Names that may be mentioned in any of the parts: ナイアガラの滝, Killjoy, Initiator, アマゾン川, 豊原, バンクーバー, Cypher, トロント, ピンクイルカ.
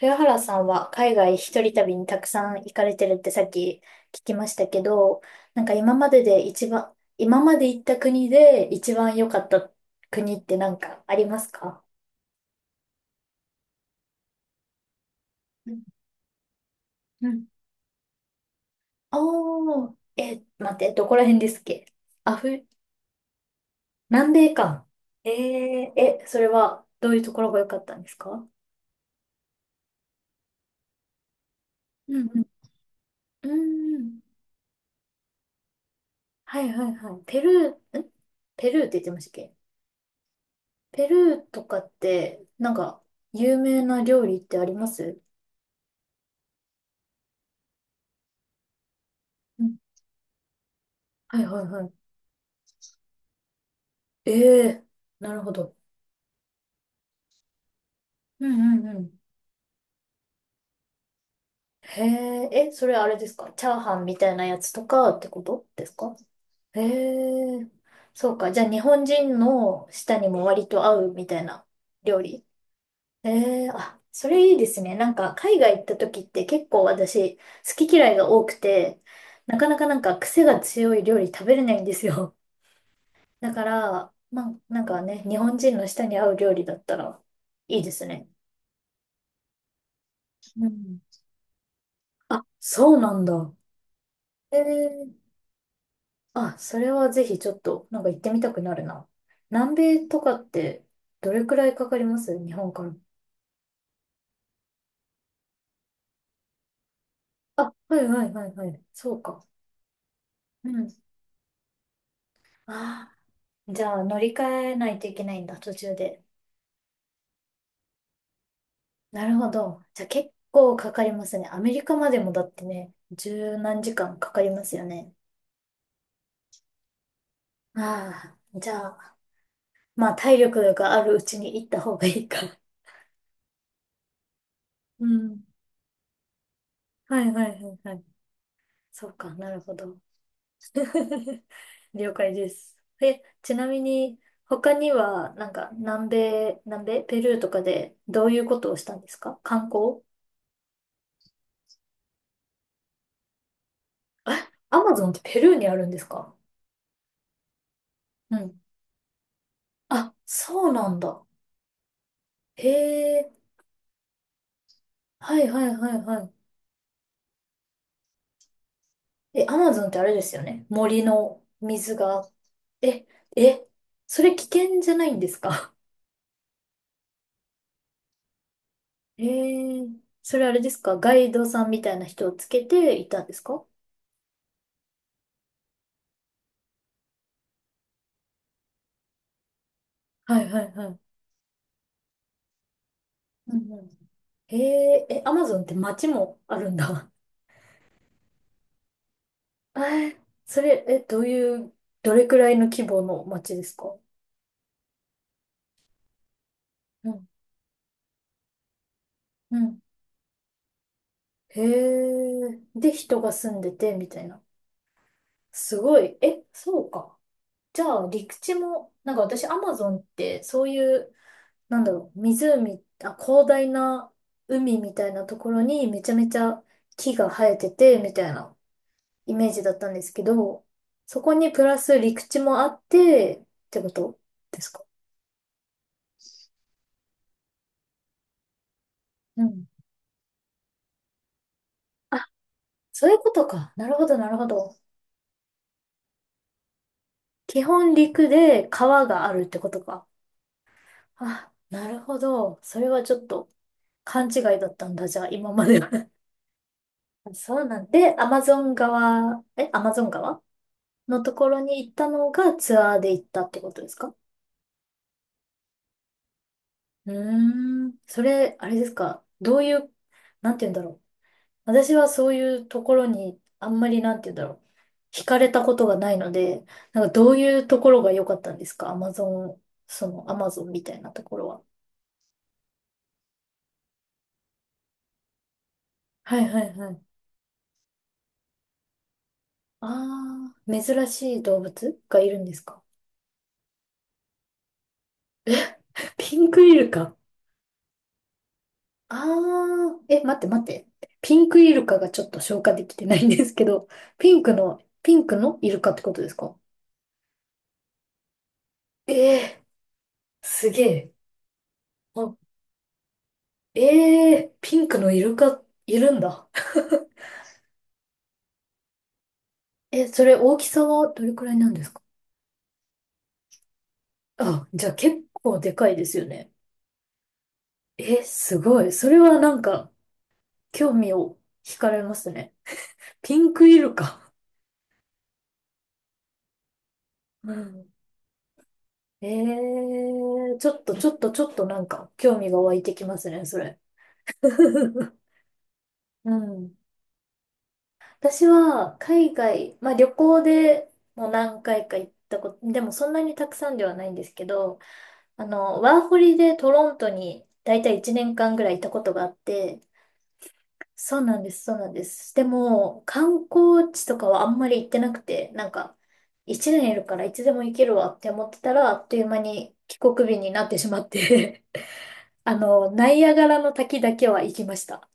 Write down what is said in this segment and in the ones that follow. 豊原さんは海外一人旅にたくさん行かれてるってさっき聞きましたけど、なんか今まで行った国で一番良かった国ってなんかありますか？うんうん。待って、どこら辺ですっけ？アフ、南米か。えー、え、それはどういうところが良かったんですか？うんうん。うーん。はいはいはい。ペルーって言ってましたっけ？ペルーとかって、なんか、有名な料理ってあります？うん。はいはいはい。ええ、なるほど。うんうんうん。へえ、え、それあれですか、チャーハンみたいなやつとかってことですか？へえ、そうか。じゃあ日本人の舌にも割と合うみたいな料理。へえ、あ、それいいですね。なんか海外行った時って結構私好き嫌いが多くて、なかなかなんか癖が強い料理食べれないんですよ。だから、まあ、なんかね、日本人の舌に合う料理だったらいいですね。うん。あ、そうなんだ。えー、あ、それはぜひちょっと、なんか行ってみたくなるな。南米とかって、どれくらいかかります日本から？あ、はいはいはいはい。そうか。うん。ああ、じゃあ乗り換えないといけないんだ、途中で。なるほど。じゃあ結構かかりますね。アメリカまでもだってね、十何時間かかりますよね。ああ、じゃあ、まあ、体力があるうちに行った方がいいか。うん。はいはいはいはい。そうか、なるほど。了解です。え、ちなみに、他には、なんか、南米、ペルーとかで、どういうことをしたんですか、観光？あ アマゾンってペルーにあるんですか？うん。あ、そうなんだ。へえ、はいはいはいはい。え、アマゾンってあれですよね。森の水が。え、え、それ危険じゃないんですか？ええ、それあれですか、ガイドさんみたいな人をつけていたんですか？はいはいはい。うんうん。えええ、アマゾンって街もあるんだ。えそれ、え、どういう、どれくらいの規模の街ですか？うん、うん。へえ、で、人が住んでて、みたいな。すごい。え、そうか。じゃあ、陸地も、なんか私、アマゾンって、そういうなんだろう、湖、あ、広大な海みたいなところにめちゃめちゃ木が生えてて、みたいなイメージだったんですけど、そこにプラス陸地もあって、ってことですか？うん。あ、そういうことか。なるほど、なるほど。基本陸で川があるってことか。あ、なるほど。それはちょっと勘違いだったんだ、じゃあ、今までは。そうなんで、アマゾン川のところに行ったのがツアーで行ったってことですか？うーん。それ、あれですか、どういう、なんて言うんだろう。私はそういうところにあんまりなんて言うんだろう。惹かれたことがないので、なんかどういうところが良かったんですか、アマゾン、そのアマゾンみたいなところは？はいはいはい。ああ、珍しい動物がいるんですか？ ピンクイルカ。ああ、え、待って待って。ピンクイルカがちょっと消化できてないんですけど、ピンクのイルカってことですか？ええ、すげえ。あ、ええ、ピンクのイルカ、いるんだ。え、それ大きさはどれくらいなんですか？あ、じゃあ結構でかいですよね？え、すごい。それはなんか、興味を惹かれますね。ピンクイルカ。うん。ええ、ちょっとちょっとちょっとなんか、興味が湧いてきますね、それ。うん。私は海外、まあ旅行でもう何回か行ったこと、でもそんなにたくさんではないんですけど、あの、ワーホリでトロントに大体1年間ぐらいいたことがあって、そうなんです、そうなんです。でも、観光地とかはあんまり行ってなくて、なんか、1年いるからいつでも行けるわって思ってたら、あっという間に帰国日になってしまって あの、ナイアガラの滝だけは行きました。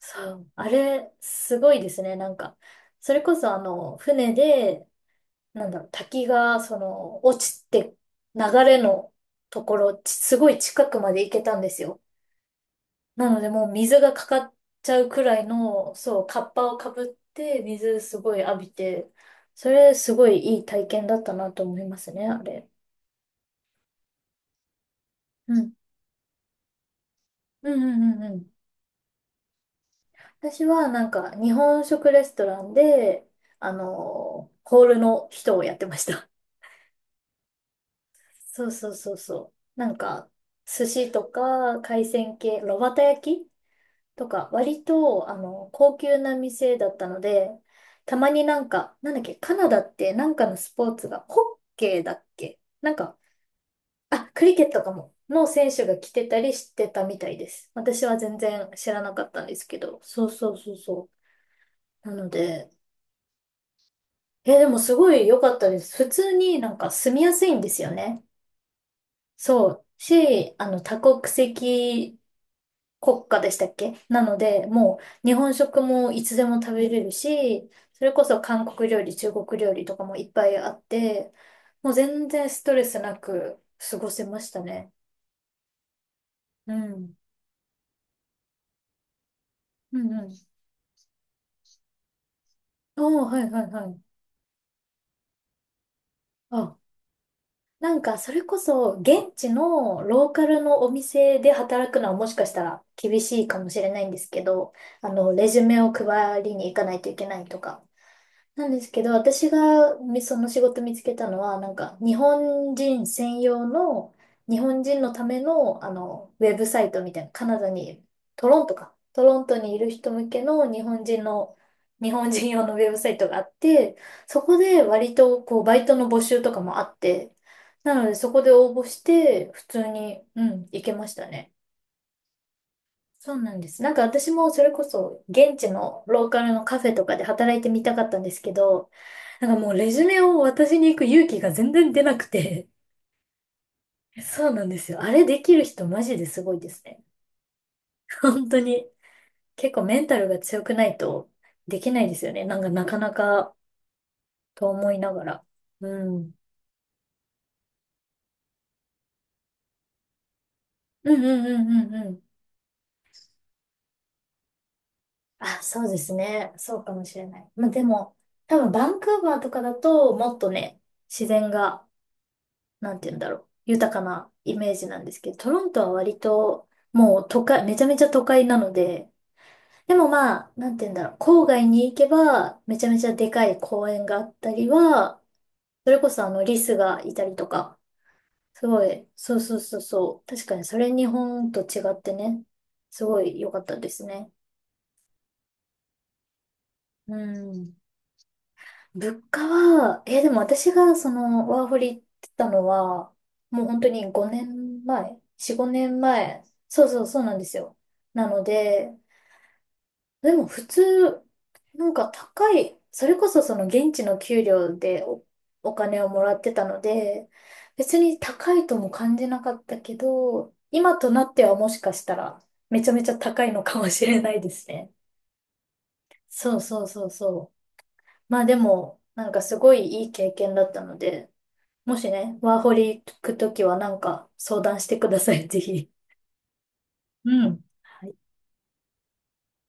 そう、あれ、すごいですね。なんか、それこそあの、船で、なんだろう、滝が、その、落ちて、流れのところ、すごい近くまで行けたんですよ。なので、もう水がかかっちゃうくらいの、そう、カッパをかぶって、水すごい浴びて、それ、すごいいい体験だったなと思いますね、あれ。うん。うんうんうんうん。私は、なんか、日本食レストランで、あの、ホールの人をやってました。そうそうそうそう。なんか、寿司とか海鮮系、炉端焼きとか、割と、あの、高級な店だったので、たまになんか、なんだっけ、カナダってなんかのスポーツが、ホッケーだっけなんか、あ、クリケットかも、の選手が来てたりしてたみたいです。私は全然知らなかったんですけど、そうそうそうそう。なので、え、でもすごい良かったです。普通になんか住みやすいんですよね。そう。あの、多国籍国家でしたっけ、なので、もう日本食もいつでも食べれるし、それこそ韓国料理、中国料理とかもいっぱいあって、もう全然ストレスなく過ごせましたね。うん。うんうん。おー、はいはいはい。あ、なんかそれこそ現地のローカルのお店で働くのはもしかしたら厳しいかもしれないんですけど、あの、レジュメを配りに行かないといけないとか。なんですけど、私がみその仕事見つけたのは、なんか日本人専用の、日本人のための、あの、ウェブサイトみたいな、カナダに、トロントか、トロントにいる人向けの日本人の、日本人用のウェブサイトがあって、そこで割とこう、バイトの募集とかもあって、なのでそこで応募して、普通に、うん、行けましたね。そうなんです。なんか私もそれこそ現地のローカルのカフェとかで働いてみたかったんですけど、なんかもうレジュメを渡しに行く勇気が全然出なくて。そうなんですよ。あれできる人マジですごいですね。本当に。結構メンタルが強くないとできないですよね。なんかなかなかと思いながら。うん。うんうんうんうんうん。あ、そうですね。そうかもしれない。まあでも、多分バンクーバーとかだともっとね、自然がなんて言うんだろう、豊かなイメージなんですけど、トロントは割ともう都会、めちゃめちゃ都会なので、でもまあ、なんて言うんだろう、郊外に行けば、めちゃめちゃでかい公園があったりは、それこそあのリスがいたりとか、すごい、そうそうそうそう、確かにそれ日本と違ってね、すごい良かったですね。うん。物価は、でも私がそのワーホリ行ってたのは、もう本当に5年前、4、5年前。そうそうそうなんですよ。なので、でも普通、なんか高い、それこそその現地の給料でお金をもらってたので、別に高いとも感じなかったけど、今となってはもしかしたらめちゃめちゃ高いのかもしれないですね。そうそうそうそう。まあでも、なんかすごいいい経験だったので、もしね、ワーホリ行くときはなんか相談してください、ぜひ。うん。はい。